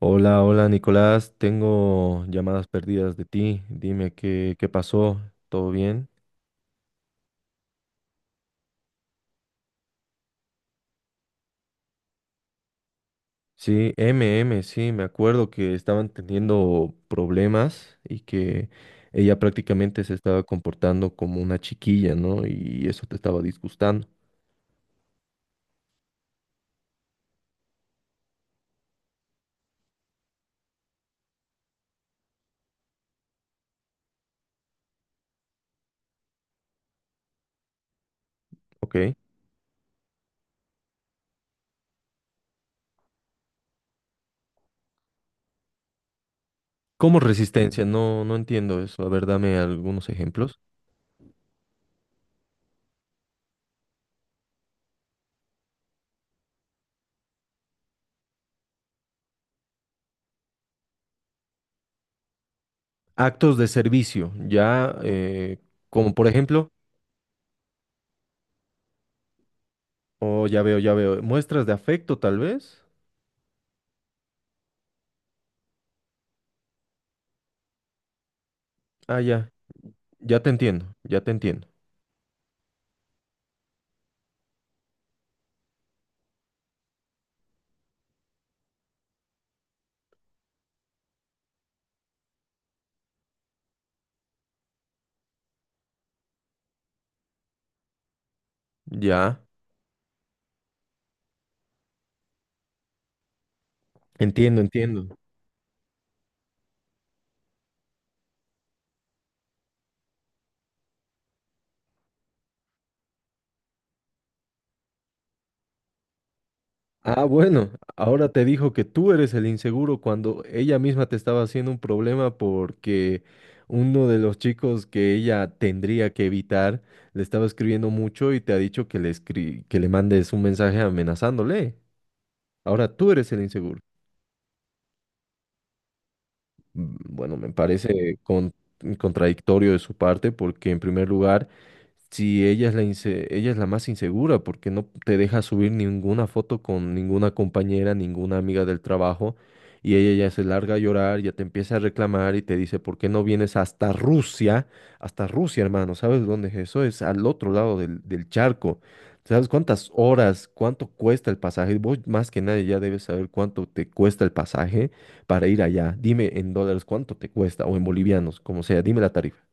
Hola, hola Nicolás, tengo llamadas perdidas de ti. Dime qué pasó, ¿todo bien? Sí, MM, sí, me acuerdo que estaban teniendo problemas y que ella prácticamente se estaba comportando como una chiquilla, ¿no? Y eso te estaba disgustando, ¿ok? ¿Cómo resistencia? No, no entiendo eso. A ver, dame algunos ejemplos. Actos de servicio, ya, como por ejemplo, oh, ya veo, muestras de afecto tal vez. Ah, ya. Ya te entiendo, ya te entiendo. Ya, entiendo, entiendo. Ah, bueno, ahora te dijo que tú eres el inseguro cuando ella misma te estaba haciendo un problema porque uno de los chicos que ella tendría que evitar le estaba escribiendo mucho y te ha dicho que le mandes un mensaje amenazándole. Ahora tú eres el inseguro. Mm, bueno, contradictorio de su parte porque, en primer lugar, si ella es ella es la más insegura porque no te deja subir ninguna foto con ninguna compañera, ninguna amiga del trabajo, y ella ya se larga a llorar, ya te empieza a reclamar y te dice, ¿por qué no vienes hasta Rusia? Hasta Rusia, hermano, ¿sabes dónde es eso? Es al otro lado del charco. ¿Sabes cuántas horas, cuánto cuesta el pasaje? Vos más que nadie ya debes saber cuánto te cuesta el pasaje para ir allá. Dime en dólares cuánto te cuesta, o en bolivianos, como sea, dime la tarifa.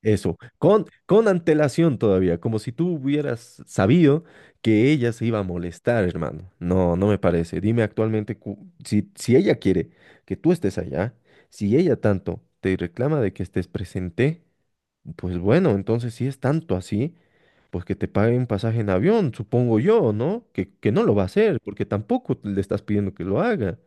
Eso, con antelación todavía, como si tú hubieras sabido que ella se iba a molestar, hermano. No, no me parece. Dime actualmente, si, si ella quiere que tú estés allá, si ella tanto te reclama de que estés presente, pues bueno, entonces si es tanto así, pues que te pague un pasaje en avión, supongo yo, ¿no? Que no lo va a hacer, porque tampoco le estás pidiendo que lo haga.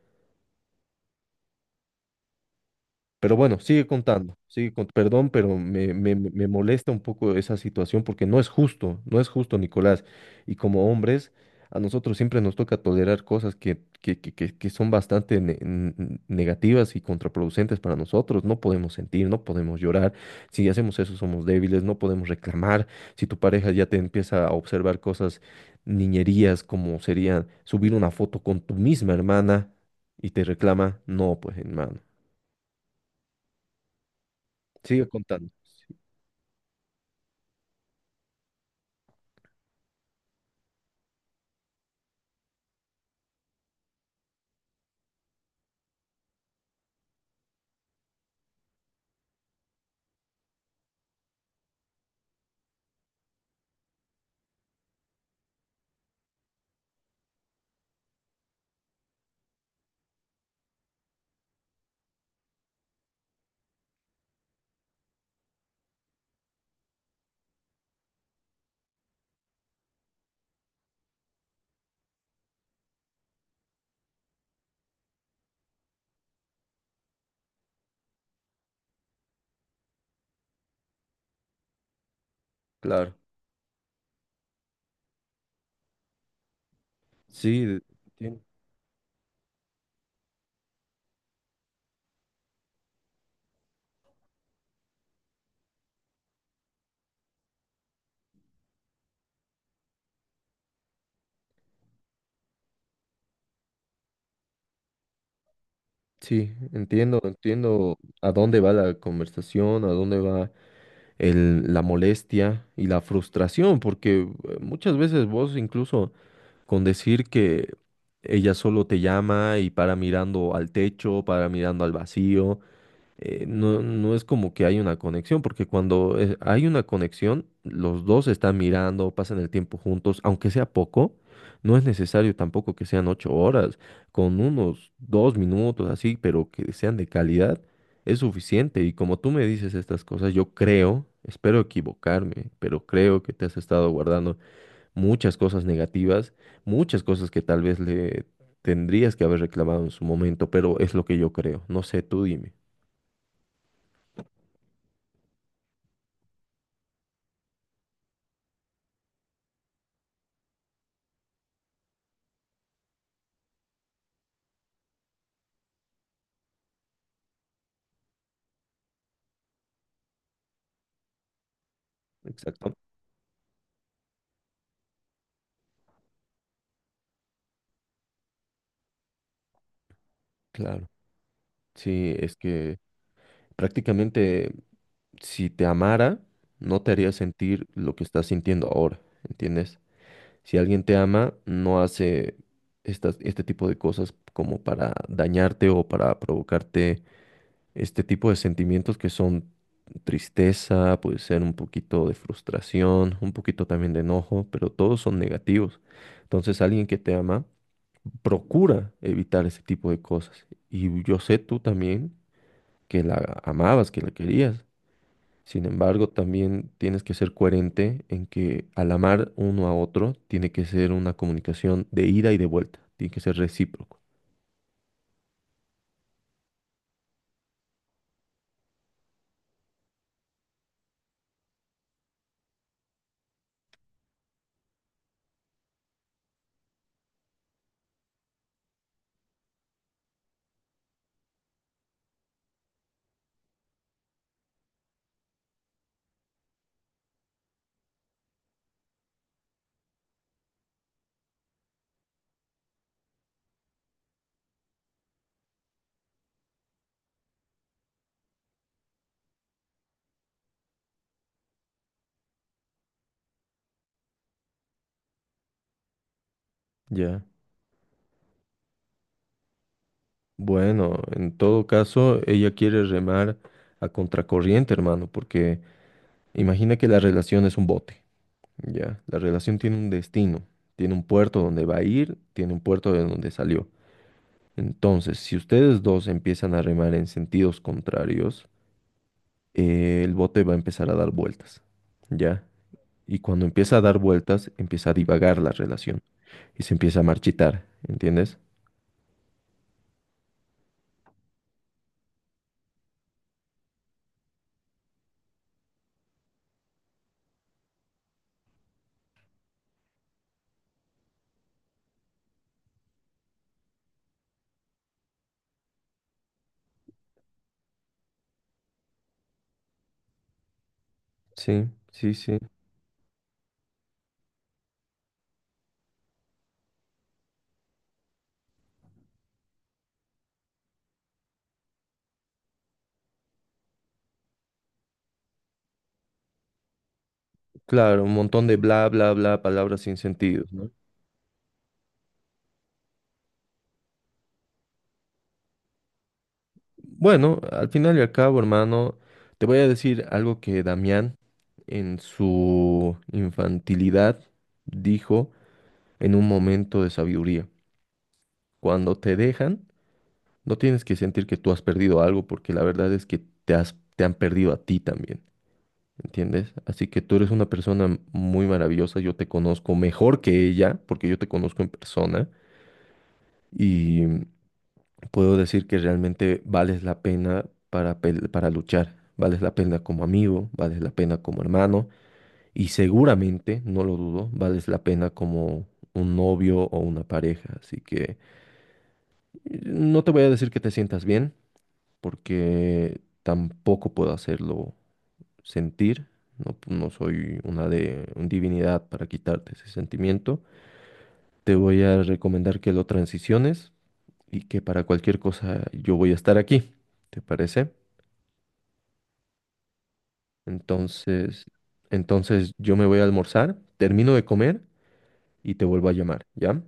Pero bueno, sigue contando, perdón, pero me molesta un poco esa situación porque no es justo, no es justo, Nicolás. Y como hombres, a nosotros siempre nos toca tolerar cosas que son bastante negativas y contraproducentes para nosotros. No podemos sentir, no podemos llorar. Si hacemos eso, somos débiles, no podemos reclamar. Si tu pareja ya te empieza a observar cosas, niñerías, como sería subir una foto con tu misma hermana y te reclama, no, pues hermano. Sigue contando. Sí, claro. Sí, entien- sí, entiendo, entiendo a dónde va la conversación, a dónde va la molestia y la frustración, porque muchas veces vos incluso con decir que ella solo te llama y para mirando al techo, para mirando al vacío, no, no es como que hay una conexión, porque cuando hay una conexión, los dos están mirando, pasan el tiempo juntos, aunque sea poco, no es necesario tampoco que sean 8 horas, con unos 2 minutos así, pero que sean de calidad, es suficiente. Y como tú me dices estas cosas, yo creo, espero equivocarme, pero creo que te has estado guardando muchas cosas negativas, muchas cosas que tal vez le... tendrías que haber reclamado en su momento, pero es lo que yo creo. No sé, tú dime. Exacto. Claro. Sí, es que prácticamente, si te amara, no te haría sentir lo que estás sintiendo ahora, ¿entiendes? Si alguien te ama, no hace estas, este tipo de cosas como para dañarte o para provocarte este tipo de sentimientos que son tristeza, puede ser un poquito de frustración, un poquito también de enojo, pero todos son negativos. Entonces, alguien que te ama procura evitar ese tipo de cosas. Y yo sé, tú también, que la amabas, que la querías. Sin embargo, también tienes que ser coherente en que, al amar uno a otro, tiene que ser una comunicación de ida y de vuelta, tiene que ser recíproco. ¿Ya? Bueno, en todo caso, ella quiere remar a contracorriente, hermano, porque imagina que la relación es un bote, ¿ya? La relación tiene un destino, tiene un puerto donde va a ir, tiene un puerto de donde salió. Entonces, si ustedes dos empiezan a remar en sentidos contrarios, el bote va a empezar a dar vueltas, ¿ya? Y cuando empieza a dar vueltas, empieza a divagar la relación y se empieza a marchitar, ¿entiendes? Sí, sí. Claro, un montón de bla, bla, bla, palabras sin sentido, ¿no? Bueno, al final y al cabo, hermano, te voy a decir algo que Damián, en su infantilidad, dijo en un momento de sabiduría. Cuando te dejan, no tienes que sentir que tú has perdido algo, porque la verdad es que te han perdido a ti también, ¿entiendes? Así que tú eres una persona muy maravillosa, yo te conozco mejor que ella, porque yo te conozco en persona, y puedo decir que realmente vales la pena para luchar, vales la pena como amigo, vales la pena como hermano y, seguramente, no lo dudo, vales la pena como un novio o una pareja. Así que no te voy a decir que te sientas bien, porque tampoco puedo hacerlo sentir. No, no soy una de un divinidad para quitarte ese sentimiento. Te voy a recomendar que lo transiciones y que, para cualquier cosa, yo voy a estar aquí. ¿Te parece? Entonces, yo me voy a almorzar, termino de comer y te vuelvo a llamar, ¿ya?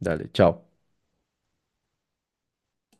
Dale, chao.